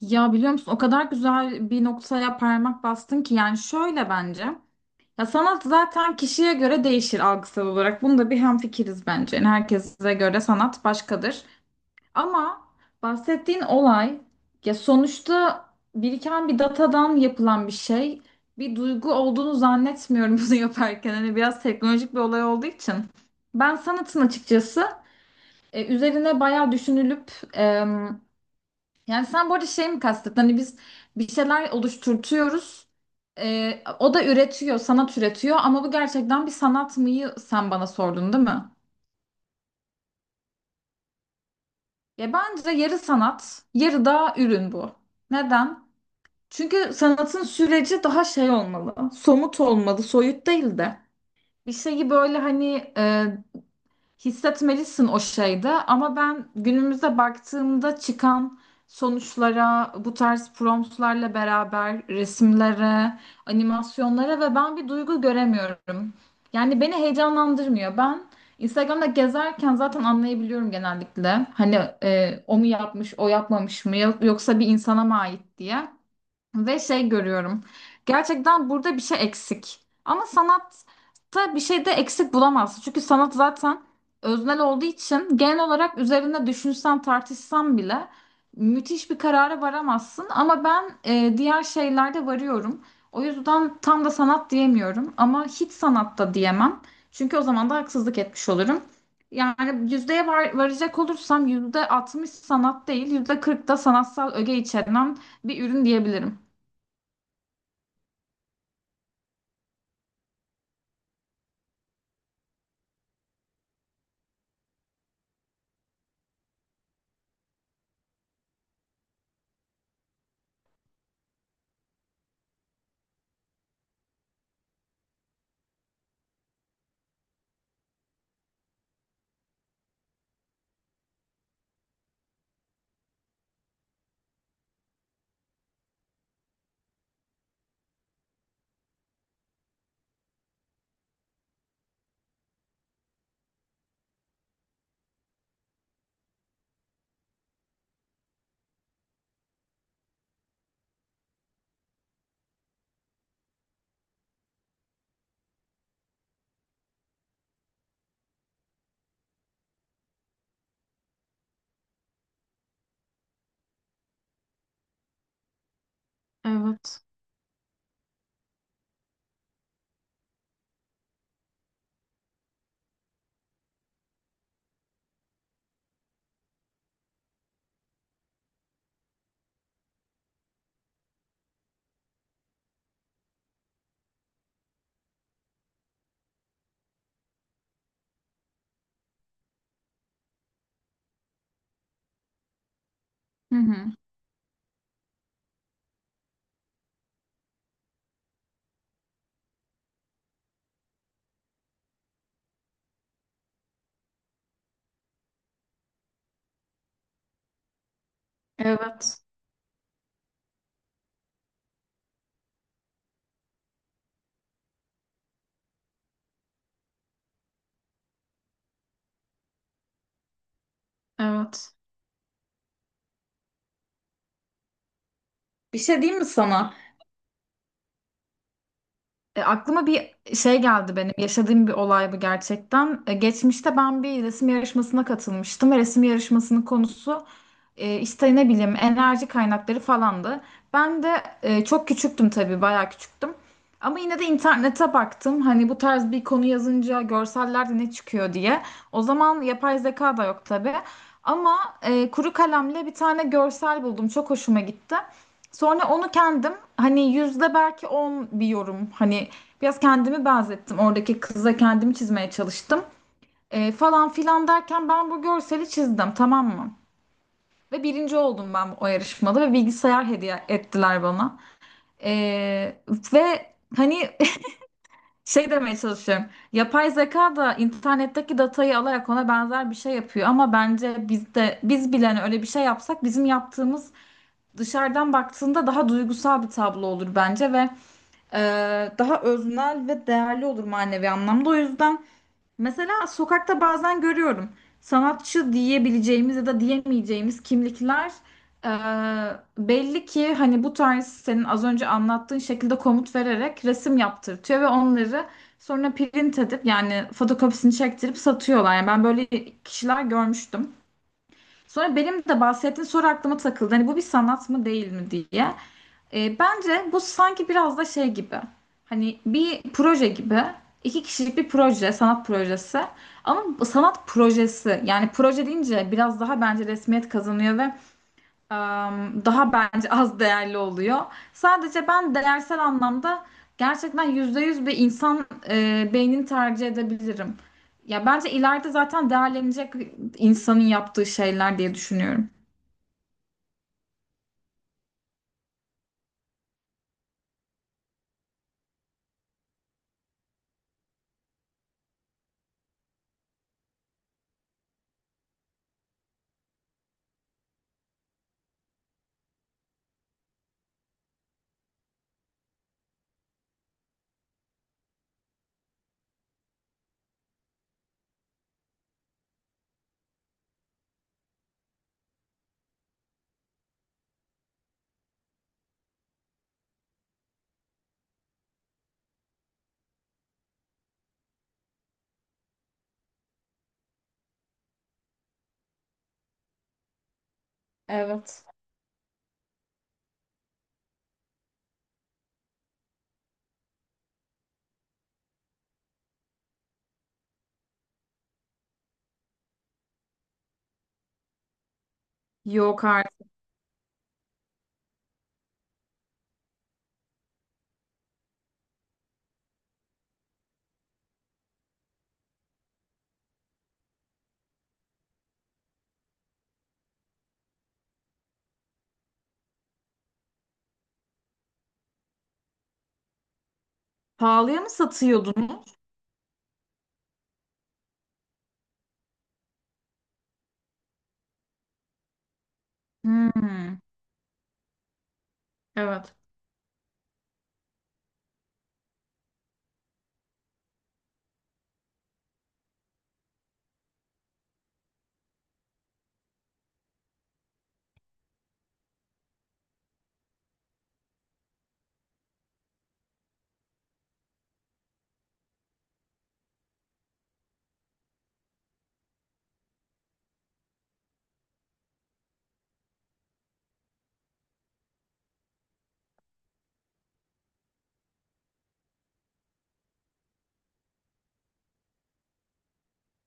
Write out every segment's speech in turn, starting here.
Ya biliyor musun, o kadar güzel bir noktaya parmak bastın ki, yani şöyle bence. Ya sanat zaten kişiye göre değişir algısal olarak. Bunda bir hemfikiriz bence. Yani herkese göre sanat başkadır. Ama bahsettiğin olay, ya sonuçta biriken bir datadan yapılan bir şey. Bir duygu olduğunu zannetmiyorum bunu yaparken. Hani biraz teknolojik bir olay olduğu için. Ben sanatın açıkçası üzerine bayağı düşünülüp, yani sen bu arada şey mi kastettin? Hani biz bir şeyler oluşturtuyoruz. O da üretiyor, sanat üretiyor, ama bu gerçekten bir sanat mıyı sen bana sordun değil mi? Ya bence yarı sanat, yarı da ürün bu. Neden? Çünkü sanatın süreci daha şey olmalı, somut olmalı, soyut değil de. Bir şeyi böyle hani hissetmelisin o şeyde, ama ben günümüze baktığımda çıkan sonuçlara, bu tarz promptlarla beraber resimlere, animasyonlara ve ben bir duygu göremiyorum. Yani beni heyecanlandırmıyor. Ben Instagram'da gezerken zaten anlayabiliyorum genellikle. Hani o mu yapmış, o yapmamış mı, yoksa bir insana mı ait diye. Ve şey görüyorum. Gerçekten burada bir şey eksik. Ama sanatta bir şey de eksik bulamazsın. Çünkü sanat zaten öznel olduğu için, genel olarak üzerinde düşünsen tartışsan bile müthiş bir karara varamazsın. Ama ben diğer şeylerde varıyorum. O yüzden tam da sanat diyemiyorum. Ama hiç sanatta diyemem. Çünkü o zaman da haksızlık etmiş olurum. Yani yüzdeye var, varacak olursam yüzde 60 sanat değil, yüzde 40 da sanatsal öge içeren bir ürün diyebilirim. Evet. Hı hı. Evet. Evet. Bir şey diyeyim mi sana? Aklıma bir şey geldi benim. Yaşadığım bir olay bu gerçekten. Geçmişte ben bir resim yarışmasına katılmıştım ve resim yarışmasının konusu işte ne bileyim enerji kaynakları falandı. Ben de çok küçüktüm tabii, bayağı küçüktüm. Ama yine de internete baktım. Hani bu tarz bir konu yazınca görsellerde ne çıkıyor diye. O zaman yapay zeka da yok tabii. Ama kuru kalemle bir tane görsel buldum. Çok hoşuma gitti. Sonra onu kendim, hani, yüzde belki 10 bir yorum, hani biraz kendimi benzettim. Oradaki kıza kendimi çizmeye çalıştım. Falan filan derken ben bu görseli çizdim, tamam mı? Ve birinci oldum ben o yarışmada ve bilgisayar hediye ettiler bana. Ee, Ve hani şey demeye çalışıyorum. Yapay zeka da internetteki datayı alarak ona benzer bir şey yapıyor, ama bence biz de, bile hani öyle bir şey yapsak, bizim yaptığımız dışarıdan baktığında daha duygusal bir tablo olur bence ve e, daha öznel ve değerli olur manevi anlamda. O yüzden mesela sokakta bazen görüyorum, sanatçı diyebileceğimiz ya da diyemeyeceğimiz kimlikler e, belli ki hani bu tarz, senin az önce anlattığın şekilde komut vererek resim yaptırtıyor ve onları sonra print edip, yani fotokopisini çektirip satıyorlar. Yani ben böyle kişiler görmüştüm. Sonra benim de bahsettiğin soru aklıma takıldı. Hani bu bir sanat mı değil mi diye. Bence bu sanki biraz da şey gibi. Hani bir proje gibi. İki kişilik bir proje, sanat projesi. Ama bu sanat projesi, yani proje deyince biraz daha bence resmiyet kazanıyor ve daha bence az değerli oluyor. Sadece ben değersel anlamda gerçekten %100 bir insan beynini tercih edebilirim. Ya bence ileride zaten değerlenecek insanın yaptığı şeyler diye düşünüyorum. Evet. Yok artık. Pahalıya mı satıyordun? Hmm, evet.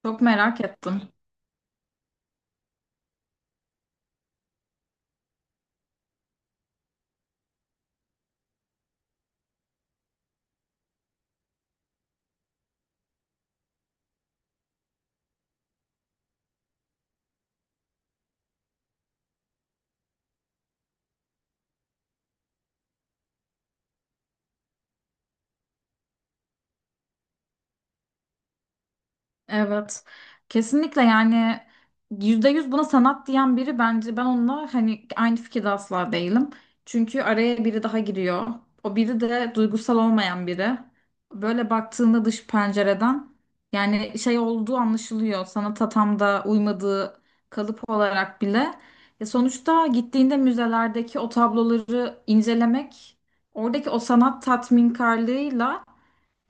Çok merak ettim. Evet. Kesinlikle, yani yüzde yüz buna sanat diyen biri, bence ben onunla hani aynı fikirde asla değilim. Çünkü araya biri daha giriyor. O biri de duygusal olmayan biri. Böyle baktığında, dış pencereden, yani şey olduğu anlaşılıyor. Sanata tam da uymadığı, kalıp olarak bile. Sonuçta gittiğinde müzelerdeki o tabloları incelemek, oradaki o sanat tatminkarlığıyla,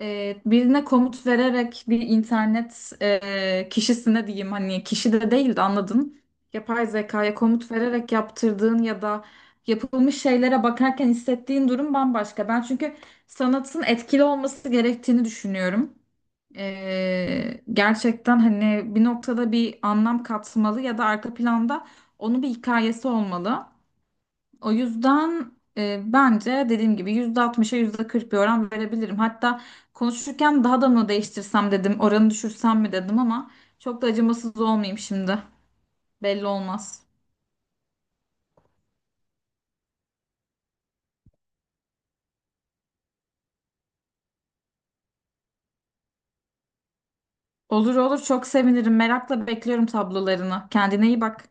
birine komut vererek, bir internet kişisine diyeyim, hani kişi de değil de, anladın. Yapay zekaya komut vererek yaptırdığın ya da yapılmış şeylere bakarken hissettiğin durum bambaşka. Ben çünkü sanatın etkili olması gerektiğini düşünüyorum. Gerçekten hani bir noktada bir anlam katmalı ya da arka planda onun bir hikayesi olmalı. O yüzden bence dediğim gibi %60'a %40 bir oran verebilirim. Hatta konuşurken daha da mı değiştirsem dedim, oranı düşürsem mi dedim, ama çok da acımasız olmayayım şimdi. Belli olmaz. Olur olur, çok sevinirim. Merakla bekliyorum tablolarını. Kendine iyi bak.